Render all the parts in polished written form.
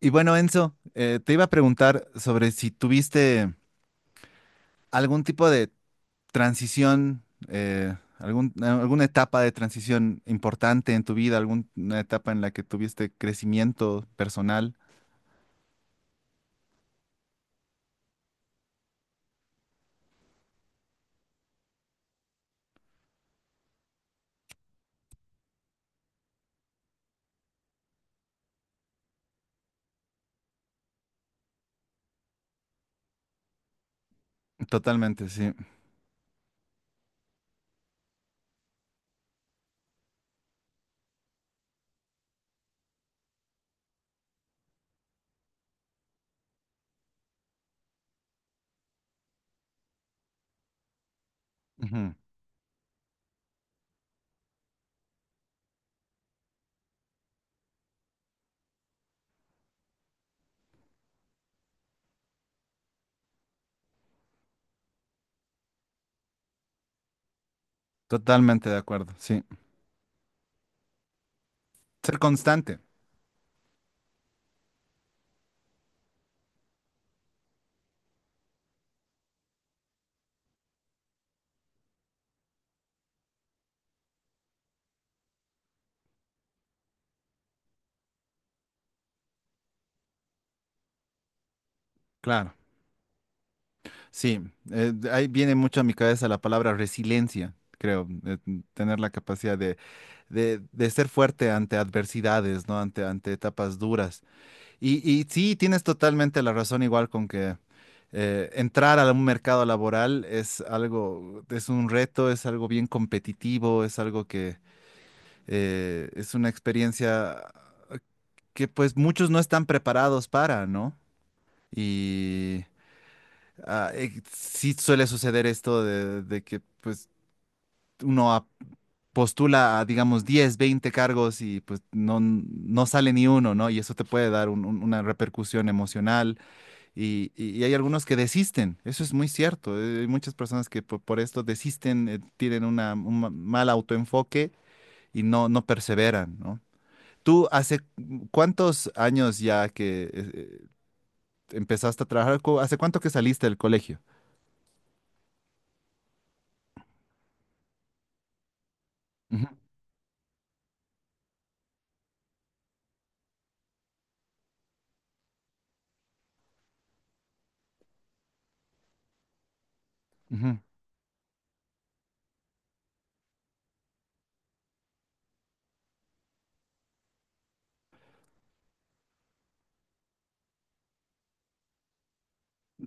Y bueno, Enzo, te iba a preguntar sobre si tuviste algún tipo de transición, alguna etapa de transición importante en tu vida, alguna etapa en la que tuviste crecimiento personal. Totalmente, sí. Ujú. Totalmente de acuerdo, sí. Ser constante, claro. Sí, ahí viene mucho a mi cabeza la palabra resiliencia, creo, tener la capacidad de ser fuerte ante adversidades, ¿no? Ante etapas duras. Y sí, tienes totalmente la razón, igual con que entrar a un mercado laboral es algo, es un reto, es algo bien competitivo, es algo que es una experiencia que pues muchos no están preparados para, ¿no? Y sí suele suceder esto de que pues uno a- postula a, digamos, 10 20 cargos y pues no sale ni uno, ¿no? Y eso te puede dar una repercusión emocional. Y hay algunos que desisten, eso es muy cierto. Hay muchas personas que esto desisten, tienen un mal autoenfoque y no perseveran, ¿no? ¿Tú hace cuántos años ya que empezaste a trabajar? ¿Hace cuánto que saliste del colegio? Ujú, ujú.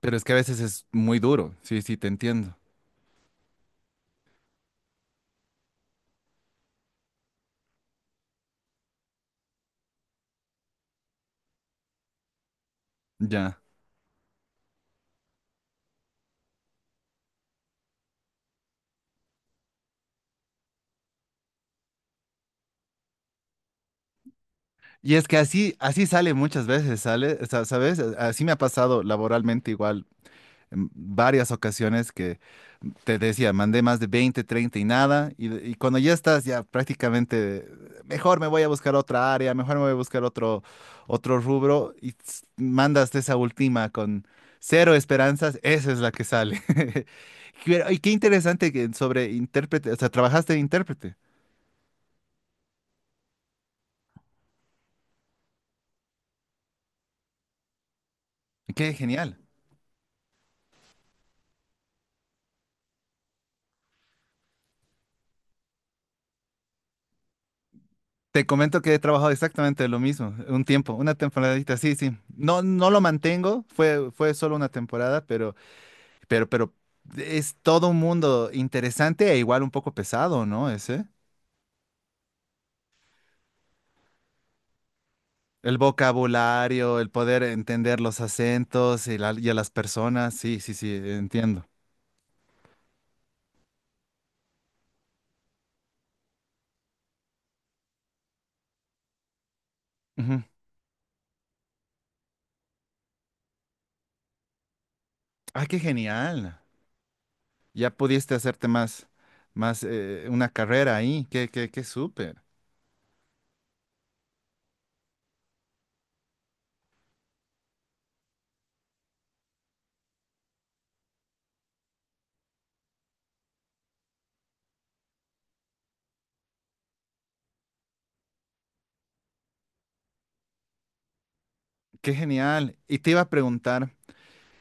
Pero es que a veces es muy duro, sí, sí, te entiendo. Ya. Y es que así sale muchas veces, ¿sabes? Así me ha pasado laboralmente igual en varias ocasiones que te decía, mandé más de 20 30 y nada, y cuando ya estás ya prácticamente, mejor me voy a buscar otra área, mejor me voy a buscar otro rubro, mandas esa última con cero esperanzas, esa es la que sale. Y qué interesante que sobre intérprete, o sea, trabajaste de intérprete, qué genial. Te comento que he trabajado exactamente lo mismo, un tiempo, una temporadita, sí, sí. No, no lo mantengo, fue solo una temporada, pero es todo un mundo interesante e igual un poco pesado, ¿no? Ese. El vocabulario, el poder entender los acentos y a las personas. Sí, sí, sí, entiendo. Ujú. Ah, qué genial. Ya pudiste hacerte más, más una carrera ahí. Qué súper. Qué genial. Y te iba a preguntar.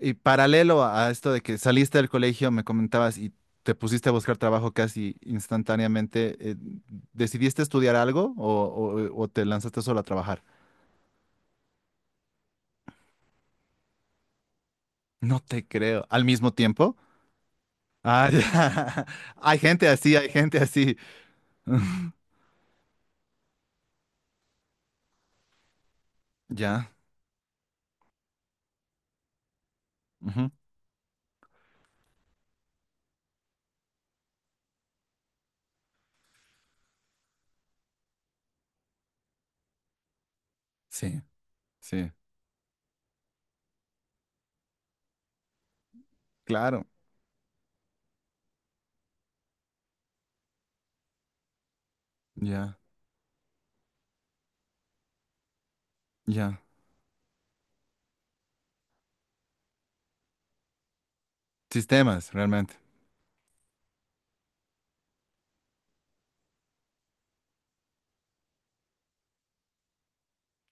Y paralelo a esto de que saliste del colegio, me comentabas y te pusiste a buscar trabajo casi instantáneamente, ¿decidiste estudiar algo o te lanzaste solo a trabajar? No te creo. ¿Al mismo tiempo? Ah, ya. Hay gente así, hay gente así. Ya. Ujú. Sí, sí, claro. Ya, ya. Sistemas, realmente.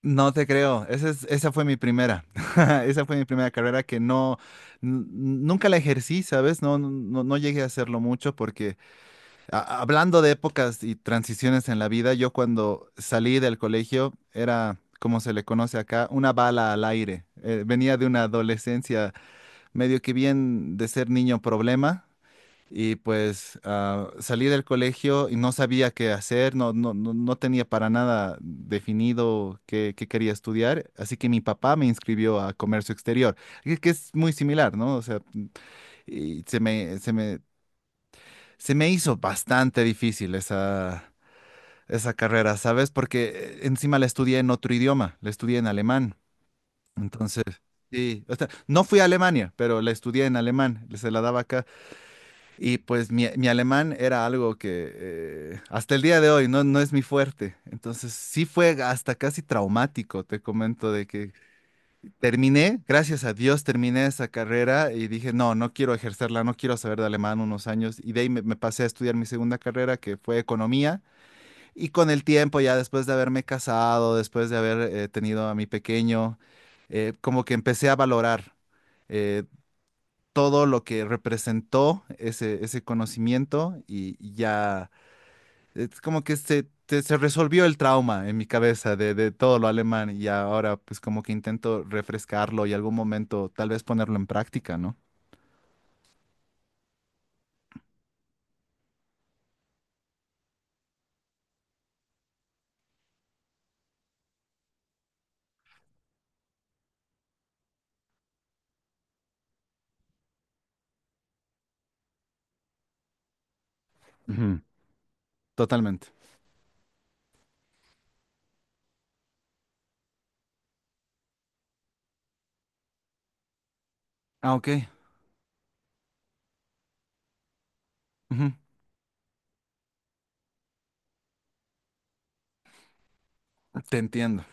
No te creo, esa fue mi primera, esa fue mi primera carrera que nunca la ejercí, ¿sabes? No, no, no llegué a hacerlo mucho porque hablando de épocas y transiciones en la vida, yo cuando salí del colegio era, como se le conoce acá, una bala al aire. Venía de una adolescencia medio que bien de ser niño problema y pues salí del colegio y no sabía qué hacer, no, no, no, no tenía para nada definido qué quería estudiar, así que mi papá me inscribió a comercio exterior, que es muy similar, ¿no? O sea, y se me hizo bastante difícil esa carrera, ¿sabes? Porque encima la estudié en otro idioma, la estudié en alemán. Entonces, sí, o sea, no fui a Alemania, pero la estudié en alemán, se la daba acá. Y pues mi alemán era algo que hasta el día de hoy no, no es mi fuerte. Entonces sí fue hasta casi traumático, te comento, de que terminé, gracias a Dios terminé esa carrera y dije, no, no quiero ejercerla, no quiero saber de alemán unos años. Y de ahí me pasé a estudiar mi segunda carrera, que fue economía. Y con el tiempo, ya después de haberme casado, después de haber tenido a mi pequeño, como que empecé a valorar eh, todo lo que representó ese conocimiento y ya es como que se resolvió el trauma en mi cabeza de todo lo alemán y ahora pues como que intento refrescarlo y algún momento tal vez ponerlo en práctica, ¿no? Ujú. Totalmente. Ah, ok. Ujú. Te entiendo.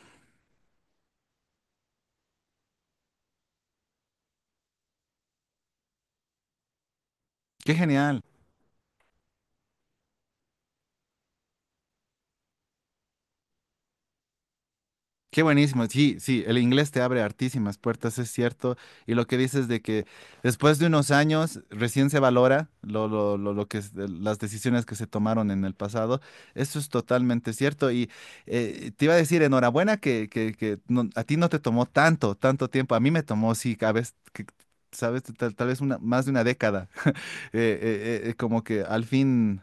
Qué genial. Qué buenísimo, sí, sí, el inglés te abre hartísimas puertas, es cierto. Y lo que dices de que después de unos años recién se valora lo de las decisiones que se tomaron en el pasado, eso es totalmente cierto. Y te iba a decir, enhorabuena que a ti no te tomó tanto tiempo. A mí me tomó, sí, a veces, sabes, tal vez más de una década. Eh, Como que al fin,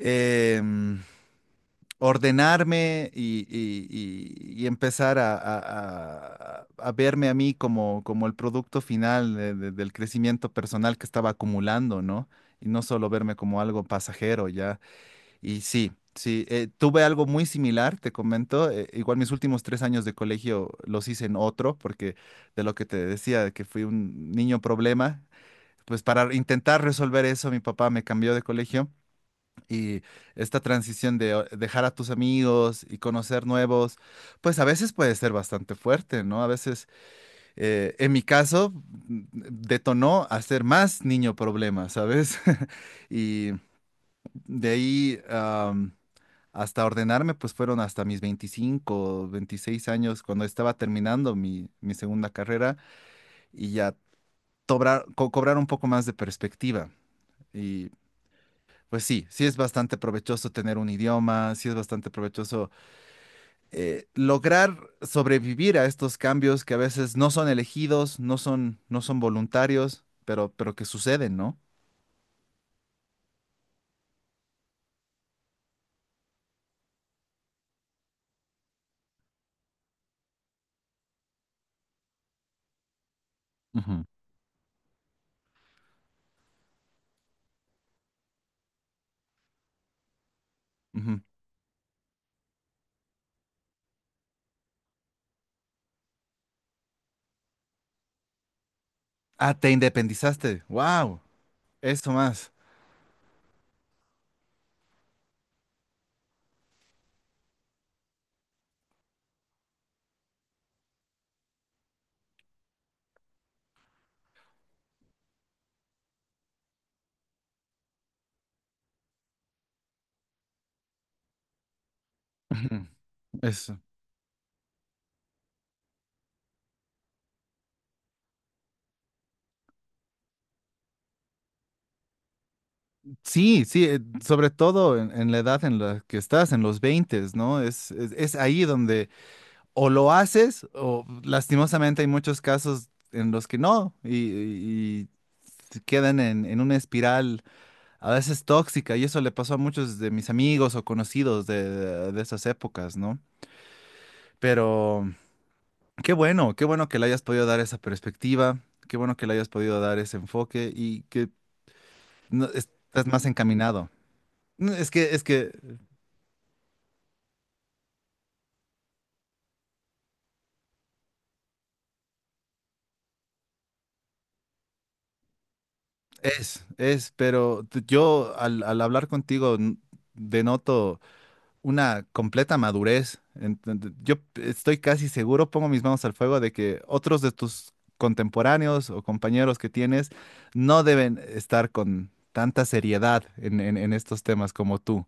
em, ordenarme y empezar a verme a mí como el producto final del crecimiento personal que estaba acumulando, ¿no? Y no solo verme como algo pasajero ya. Y sí, sí, tuve algo muy similar, te comento. Igual mis últimos 3 años de colegio los hice en otro, porque de lo que te decía, de que fui un niño problema. Pues para intentar resolver eso, mi papá me cambió de colegio y esta transición de dejar a tus amigos y conocer nuevos, pues a veces puede ser bastante fuerte, ¿no? A veces, en mi caso, detonó a ser más niño problema, ¿sabes? Y de ahí hasta ordenarme, pues fueron hasta mis 25 26 años, cuando estaba terminando mi segunda carrera y ya cobrar un poco más de perspectiva. Pues sí, sí es bastante provechoso tener un idioma, sí es bastante provechoso lograr sobrevivir a estos cambios que a veces no son elegidos, no son voluntarios, pero que suceden, ¿no? Ujú. Ujú. Ah, te independizaste. ¡Wow! Eso más. Ujú. Eso. Sí, sí, sobre todo en la edad en la que estás, en los 20, ¿no? Es ahí donde o lo haces, o lastimosamente hay muchos casos en los que no, y se quedan en una espiral a veces tóxica, y eso le pasó a muchos de mis amigos o conocidos de esas épocas, ¿no? Pero qué bueno que le hayas podido dar esa perspectiva, qué bueno que le hayas podido dar ese enfoque y que estás más encaminado. No, es que, yo al hablar contigo denoto una completa madurez. Yo estoy casi seguro, pongo mis manos al fuego, de que otros de tus contemporáneos o compañeros que tienes no deben estar con tanta seriedad en estos temas como tú.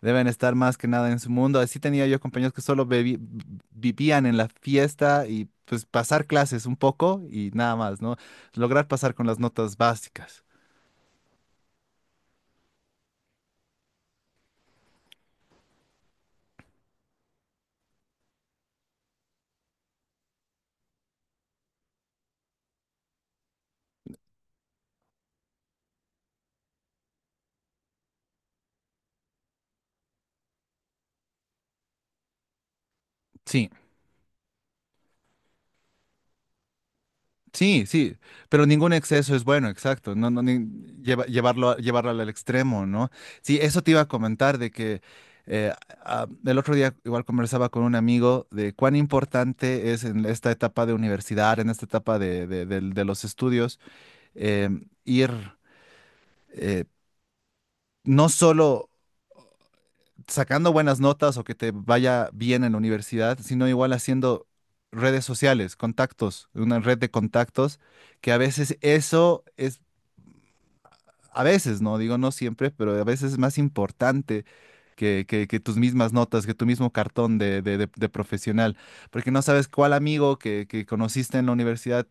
Deben estar más que nada en su mundo. Así tenía yo compañeros que solo vivían en la fiesta y pues pasar clases un poco y nada más, ¿no? Lograr pasar con las notas básicas. Sí, sí, sí, pero ningún exceso es bueno, exacto, no, no, llevarlo al extremo, ¿no? Sí, eso te iba a comentar de que eh, el otro día igual conversaba con un amigo de cuán importante es en esta etapa de universidad, en esta etapa de de los estudios, eh, ir eh, no solo sacando buenas notas o que te vaya bien en la universidad, sino igual haciendo redes sociales, contactos, una red de contactos, que a veces eso es a veces, no digo no siempre, pero a veces es más importante que tus mismas notas, que tu mismo cartón de profesional, porque no sabes cuál amigo que conociste en la universidad,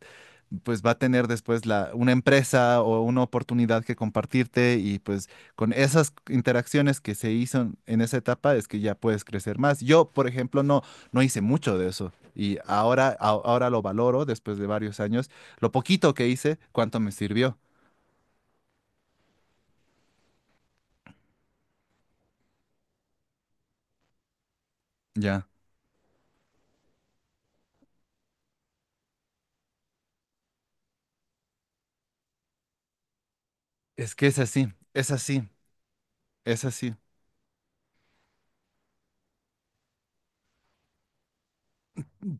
pues va a tener después una empresa o una oportunidad que compartirte y pues con esas interacciones que se hizo en esa etapa es que ya puedes crecer más. Yo, por ejemplo, no, no hice mucho de eso y ahora, ahora lo valoro después de varios años, lo poquito que hice, cuánto me sirvió. Ya. Es que es así, es así, es así.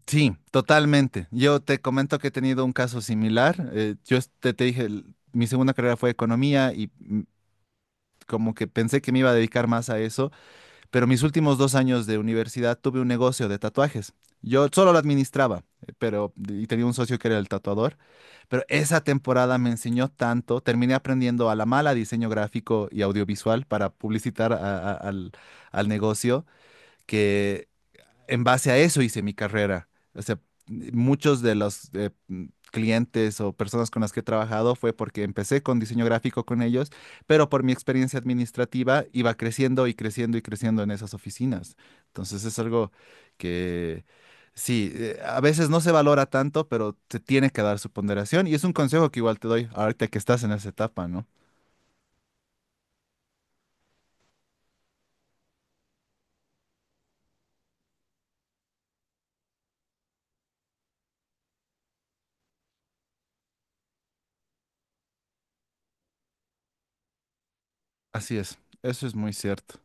Sí, totalmente. Yo te comento que he tenido un caso similar. Yo te dije, mi segunda carrera fue economía y como que pensé que me iba a dedicar más a eso, pero mis últimos 2 años de universidad tuve un negocio de tatuajes. Yo solo lo administraba, pero y tenía un socio que era el tatuador, pero esa temporada me enseñó tanto. Terminé aprendiendo a la mala diseño gráfico y audiovisual para publicitar a- al al negocio que en base a eso hice mi carrera. O sea, muchos de los clientes o personas con las que he trabajado fue porque empecé con diseño gráfico con ellos, pero por mi experiencia administrativa iba creciendo y creciendo y creciendo en esas oficinas. Entonces es algo que sí, a veces no se valora tanto, pero te tiene que dar su ponderación y es un consejo que igual te doy ahorita que estás en esa etapa, ¿no? Así es, eso es muy cierto.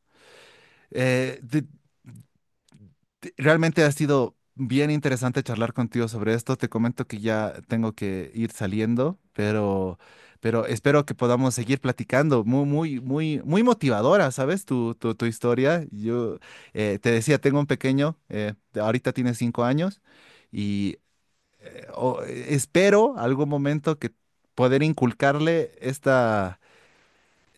Eh, de- Realmente ha sido bien interesante charlar contigo sobre esto. Te comento que ya tengo que ir saliendo, pero espero que podamos seguir platicando. Muy, muy, muy, muy motivadora, ¿sabes? Tu historia. Yo te decía, tengo un pequeño, ahorita tiene 5 años, y espero algún momento que poder inculcarle esta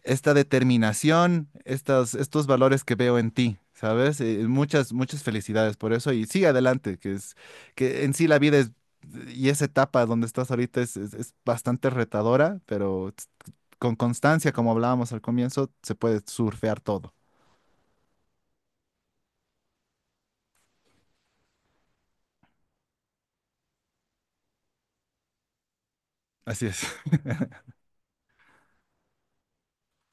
esta determinación, estos valores que veo en ti, ¿sabes? Muchas, muchas felicidades por eso y sigue adelante, que es, que en sí la vida es, y esa etapa donde estás ahorita es, es bastante retadora, pero con constancia, como hablábamos al comienzo, se puede surfear todo. Así es,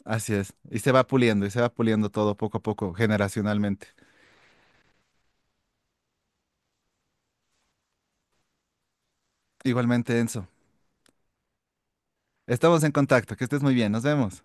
así es. Y se va puliendo, y se va puliendo todo poco a poco, generacionalmente. Igualmente, Enzo. Estamos en contacto, que estés muy bien, nos vemos.